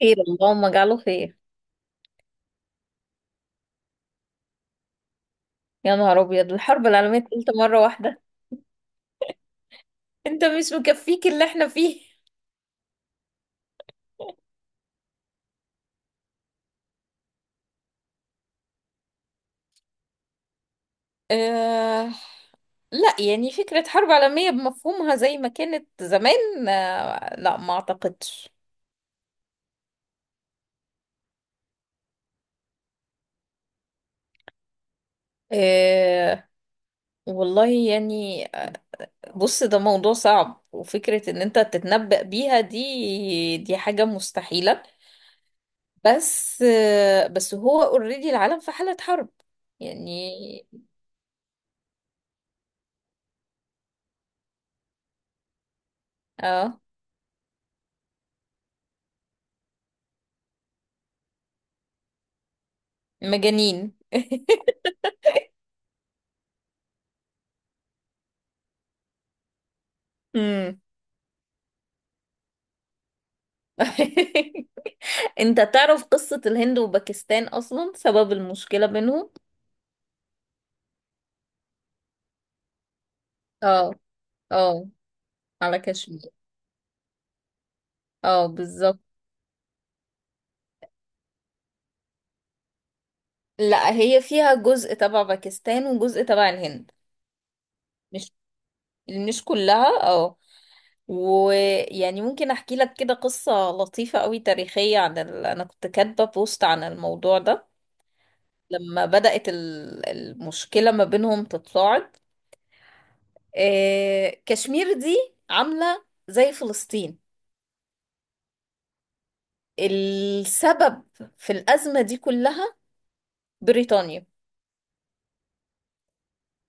خير اللهم اجعله خير. يا نهار ابيض، الحرب العالميه الثالثه مره واحده! انت مش مكفيك اللي احنا فيه؟ آه لا يعني فكره حرب عالميه بمفهومها زي ما كانت زمان، لا ما اعتقدش. آه والله يعني آه، بص، ده موضوع صعب، وفكره ان انت تتنبأ بيها دي حاجه مستحيله. بس هو اوريدي العالم في حاله حرب يعني. اه مجانين. امم انت تعرف قصة الهند وباكستان اصلا سبب المشكلة بينهم؟ اه. اه، على كشمير. اه بالظبط. لا هي فيها جزء تبع باكستان وجزء تبع الهند. مش مش كلها اه. ويعني ممكن احكي لك كده قصة لطيفة قوي تاريخية عن انا كنت كاتبة بوست عن الموضوع ده. لما بدأت المشكلة ما بينهم تتصاعد، كشمير دي عاملة زي فلسطين. السبب في الأزمة دي كلها بريطانيا.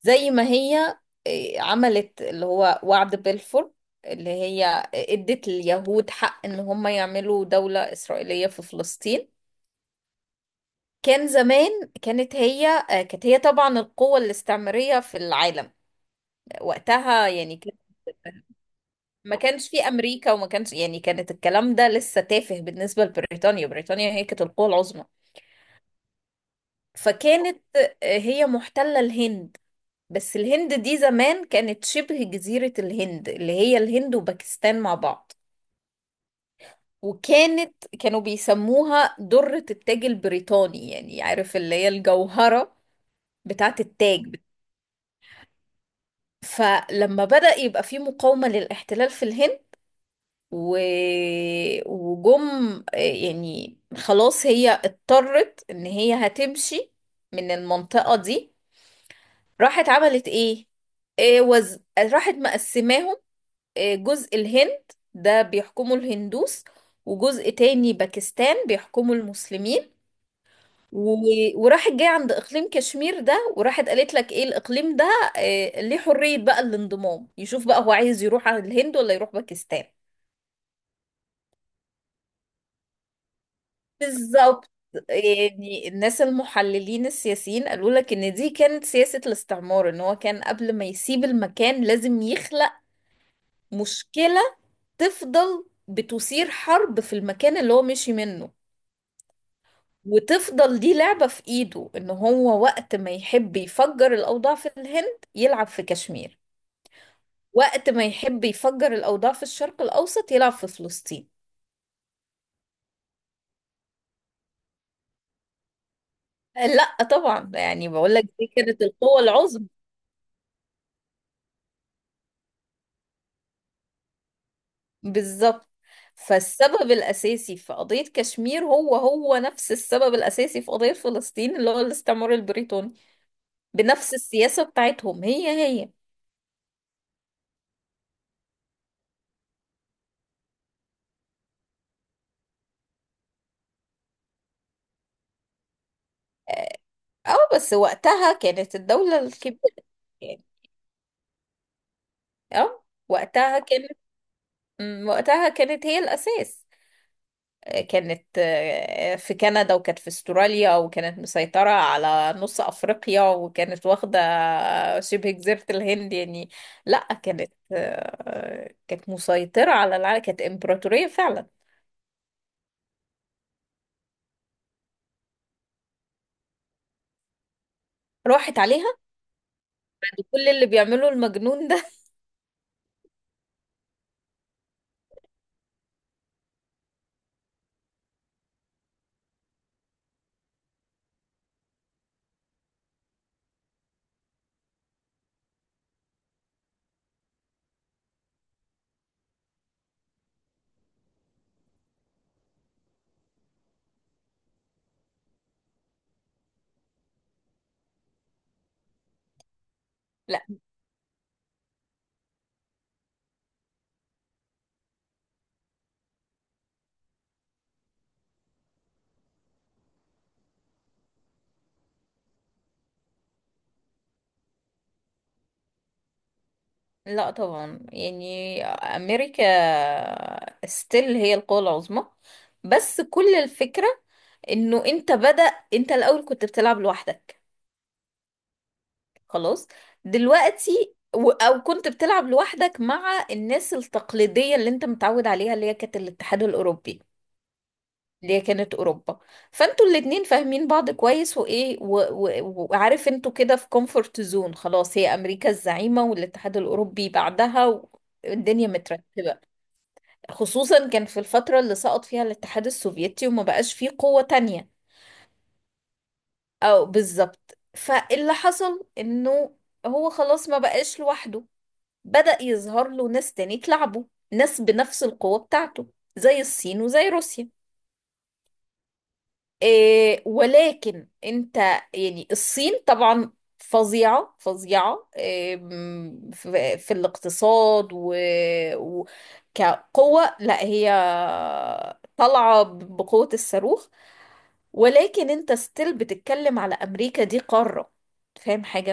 زي ما هي عملت اللي هو وعد بلفور، اللي هي ادت اليهود حق ان هم يعملوا دولة إسرائيلية في فلسطين. كان زمان كانت هي كانت هي طبعا القوة الاستعمارية في العالم وقتها، يعني ما كانش في أمريكا وما كانش، يعني كانت الكلام ده لسه تافه بالنسبة لبريطانيا. بريطانيا هي كانت القوة العظمى. فكانت هي محتلة الهند، بس الهند دي زمان كانت شبه جزيرة الهند اللي هي الهند وباكستان مع بعض. وكانت كانوا بيسموها درة التاج البريطاني، يعني عارف اللي هي الجوهرة بتاعة التاج. فلما بدأ يبقى في مقاومة للاحتلال في الهند و... وجم آه، يعني خلاص هي اضطرت ان هي هتمشي من المنطقة دي. راحت عملت ايه؟ راحت مقسماهم، جزء الهند ده بيحكمه الهندوس، وجزء تاني باكستان بيحكمه المسلمين. و- وراحت جاية عند إقليم كشمير ده وراحت قالت لك إيه الإقليم ده ليه حرية بقى الانضمام، يشوف بقى هو عايز يروح على الهند ولا يروح باكستان. بالظبط. يعني الناس المحللين السياسيين قالوا لك ان دي كانت سياسة الاستعمار، ان هو كان قبل ما يسيب المكان لازم يخلق مشكلة، تفضل بتثير حرب في المكان اللي هو مشي منه، وتفضل دي لعبة في ايده ان هو وقت ما يحب يفجر الاوضاع في الهند يلعب في كشمير، وقت ما يحب يفجر الاوضاع في الشرق الاوسط يلعب في فلسطين. لا طبعا، يعني بقول لك دي كانت القوة العظمى. بالظبط. فالسبب الاساسي في قضية كشمير هو هو نفس السبب الاساسي في قضية فلسطين، اللي هو الاستعمار البريطاني، بنفس السياسة بتاعتهم هي هي. اه، بس وقتها كانت الدولة الكبيرة، يعني اه وقتها كانت، وقتها كانت هي الأساس. كانت في كندا، وكانت في استراليا، وكانت مسيطرة على نص أفريقيا، وكانت واخدة شبه جزيرة الهند، يعني لا كانت كانت مسيطرة على العالم، كانت إمبراطورية فعلا. راحت عليها كل اللي بيعمله المجنون ده. لا لا طبعا، يعني أمريكا ستيل هي القوة العظمى. بس كل الفكرة انه انت بدأ، انت الاول كنت بتلعب لوحدك خلاص. او كنت بتلعب لوحدك مع الناس التقليدية اللي انت متعود عليها، اللي هي كانت الاتحاد الاوروبي، اللي هي كانت اوروبا. فانتوا الاتنين فاهمين بعض كويس، وعارف انتوا كده في كومفورت زون، خلاص هي امريكا الزعيمة والاتحاد الاوروبي بعدها الدنيا مترتبة. خصوصا كان في الفترة اللي سقط فيها الاتحاد السوفيتي وما بقاش فيه قوة تانية. او بالظبط، فاللي حصل انه هو خلاص ما بقاش لوحده، بدأ يظهر له ناس تاني تلعبه، ناس بنفس القوة بتاعته، زي الصين وزي روسيا. إيه ولكن انت، يعني الصين طبعا فظيعة فظيعة، في الاقتصاد و... كقوة، لا هي طالعة بقوة الصاروخ. ولكن انت ستيل بتتكلم على أمريكا، دي قارة، فاهم حاجة؟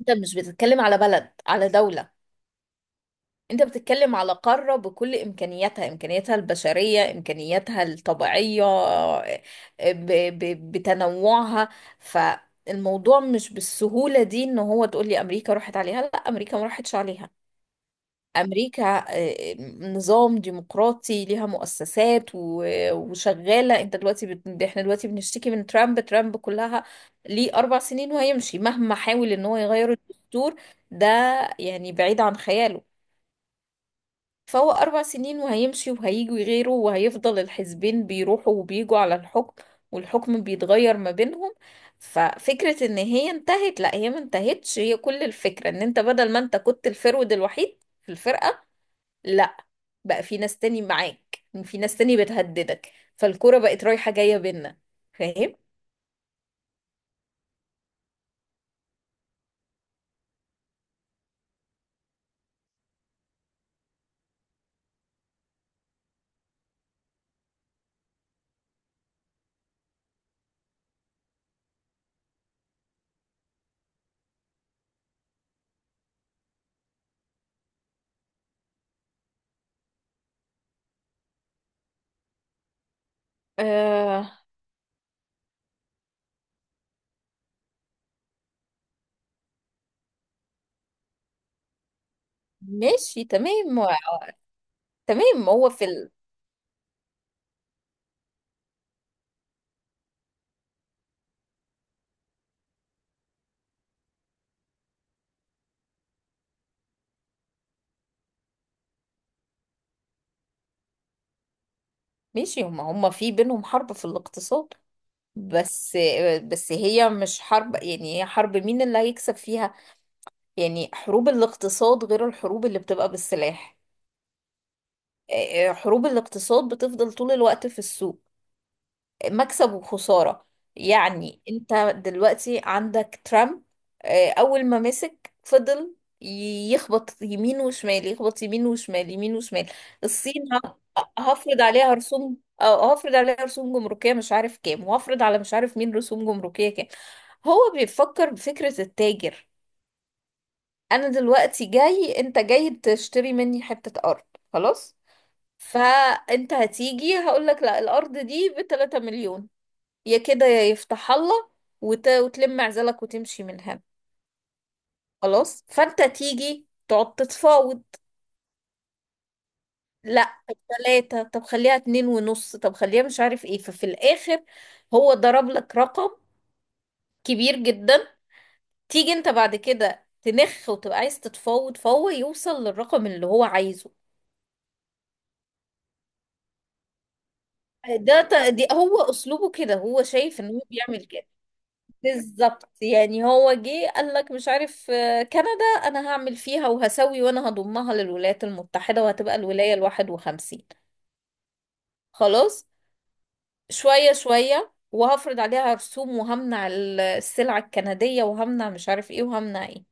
انت مش بتتكلم على بلد، على دولة، انت بتتكلم على قارة بكل امكانياتها، امكانياتها البشرية، امكانياتها الطبيعية، آه، ب ب بتنوعها فالموضوع مش بالسهولة دي ان هو تقولي امريكا راحت عليها. لا امريكا ما راحتش عليها. امريكا نظام ديمقراطي، ليها مؤسسات وشغالة. احنا دلوقتي بنشتكي من ترامب، كلها ليه 4 سنين وهيمشي، مهما حاول ان هو يغير الدستور ده يعني بعيد عن خياله. فهو 4 سنين وهيمشي، وهيجوا غيره، وهيفضل الحزبين بيروحوا وبيجوا على الحكم، والحكم بيتغير ما بينهم. ففكرة ان هي انتهت، لا هي ما انتهتش. هي كل الفكرة ان انت بدل ما انت كنت الفرود الوحيد في الفرقة، لا بقى في ناس تاني معاك، في ناس تاني بتهددك، فالكرة بقت رايحة جاية بينا. فاهم؟ آه ماشي تمام ماشي، هما هما في بينهم حرب في الاقتصاد. بس بس هي مش حرب، يعني هي حرب مين اللي هيكسب فيها. يعني حروب الاقتصاد غير الحروب اللي بتبقى بالسلاح. حروب الاقتصاد بتفضل طول الوقت في السوق، مكسب وخسارة. يعني انت دلوقتي عندك ترامب، اول ما مسك فضل يخبط يمين وشمال، يخبط يمين وشمال، يمين وشمال. الصين، ه- هفرض عليها رسوم، اه هفرض عليها رسوم جمركية مش عارف كام، وهفرض على مش عارف مين رسوم جمركية كام. هو بيفكر بفكرة التاجر. انا دلوقتي جاي، انت جاي تشتري مني حتة ارض خلاص، فانت هتيجي هقولك لا الارض دي بتلاتة مليون، يا كده يا يفتح الله وتلم عزلك وتمشي منها خلاص. فانت تيجي تقعد تتفاوض، لا طب 3، طب خليها 2 ونص، طب خليها مش عارف ايه. ففي الاخر هو ضرب لك رقم كبير جدا، تيجي انت بعد كده تنخ وتبقى عايز تتفاوض، فهو يوصل للرقم اللي هو عايزه. دي هو اسلوبه كده، هو شايف ان هو بيعمل كده. بالظبط، يعني هو جه قال لك مش عارف كندا انا هعمل فيها وهسوي، وانا هضمها للولايات المتحدة وهتبقى الولاية 51. خلاص، شوية شوية وهفرض عليها رسوم، وهمنع السلع الكندية، وهمنع مش عارف ايه، وهمنع ايه.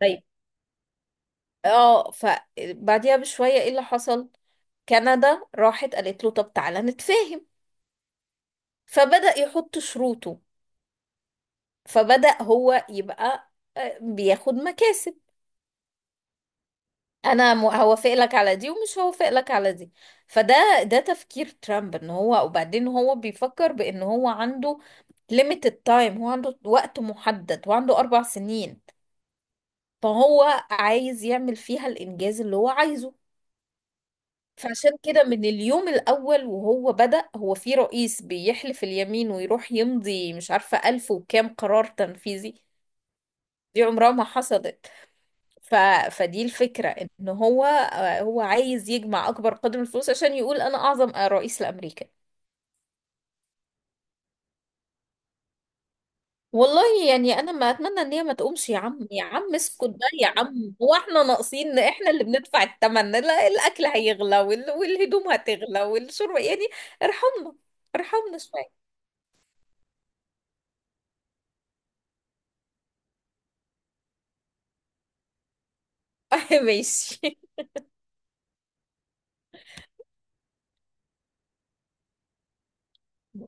طيب، اه فبعديها بشوية ايه اللي حصل، كندا راحت قالت له طب تعالى نتفاهم، فبدأ يحط شروطه، فبدأ هو يبقى بياخد مكاسب. هوافق لك على دي ومش هوافق لك على دي. فده ده تفكير ترامب، ان هو وبعدين هو بيفكر بان هو عنده limited time، هو عنده وقت محدد وعنده 4 سنين، فهو عايز يعمل فيها الانجاز اللي هو عايزه. فعشان كده من اليوم الاول وهو بدأ، هو في رئيس بيحلف اليمين ويروح يمضي مش عارفة الف وكام قرار تنفيذي، دي عمرها ما حصلت. ف... فدي الفكرة ان هو هو عايز يجمع اكبر قدر من الفلوس عشان يقول انا اعظم رئيس لامريكا. والله يعني انا ما اتمنى ان هي ما تقومش. يا عم يا عم اسكت بقى يا عم، هو احنا ناقصين؟ احنا اللي بندفع الثمن، لا الاكل هيغلى والهدوم هتغلى والشرب يعني. ارحمنا، ارحمنا شوية. ماشي.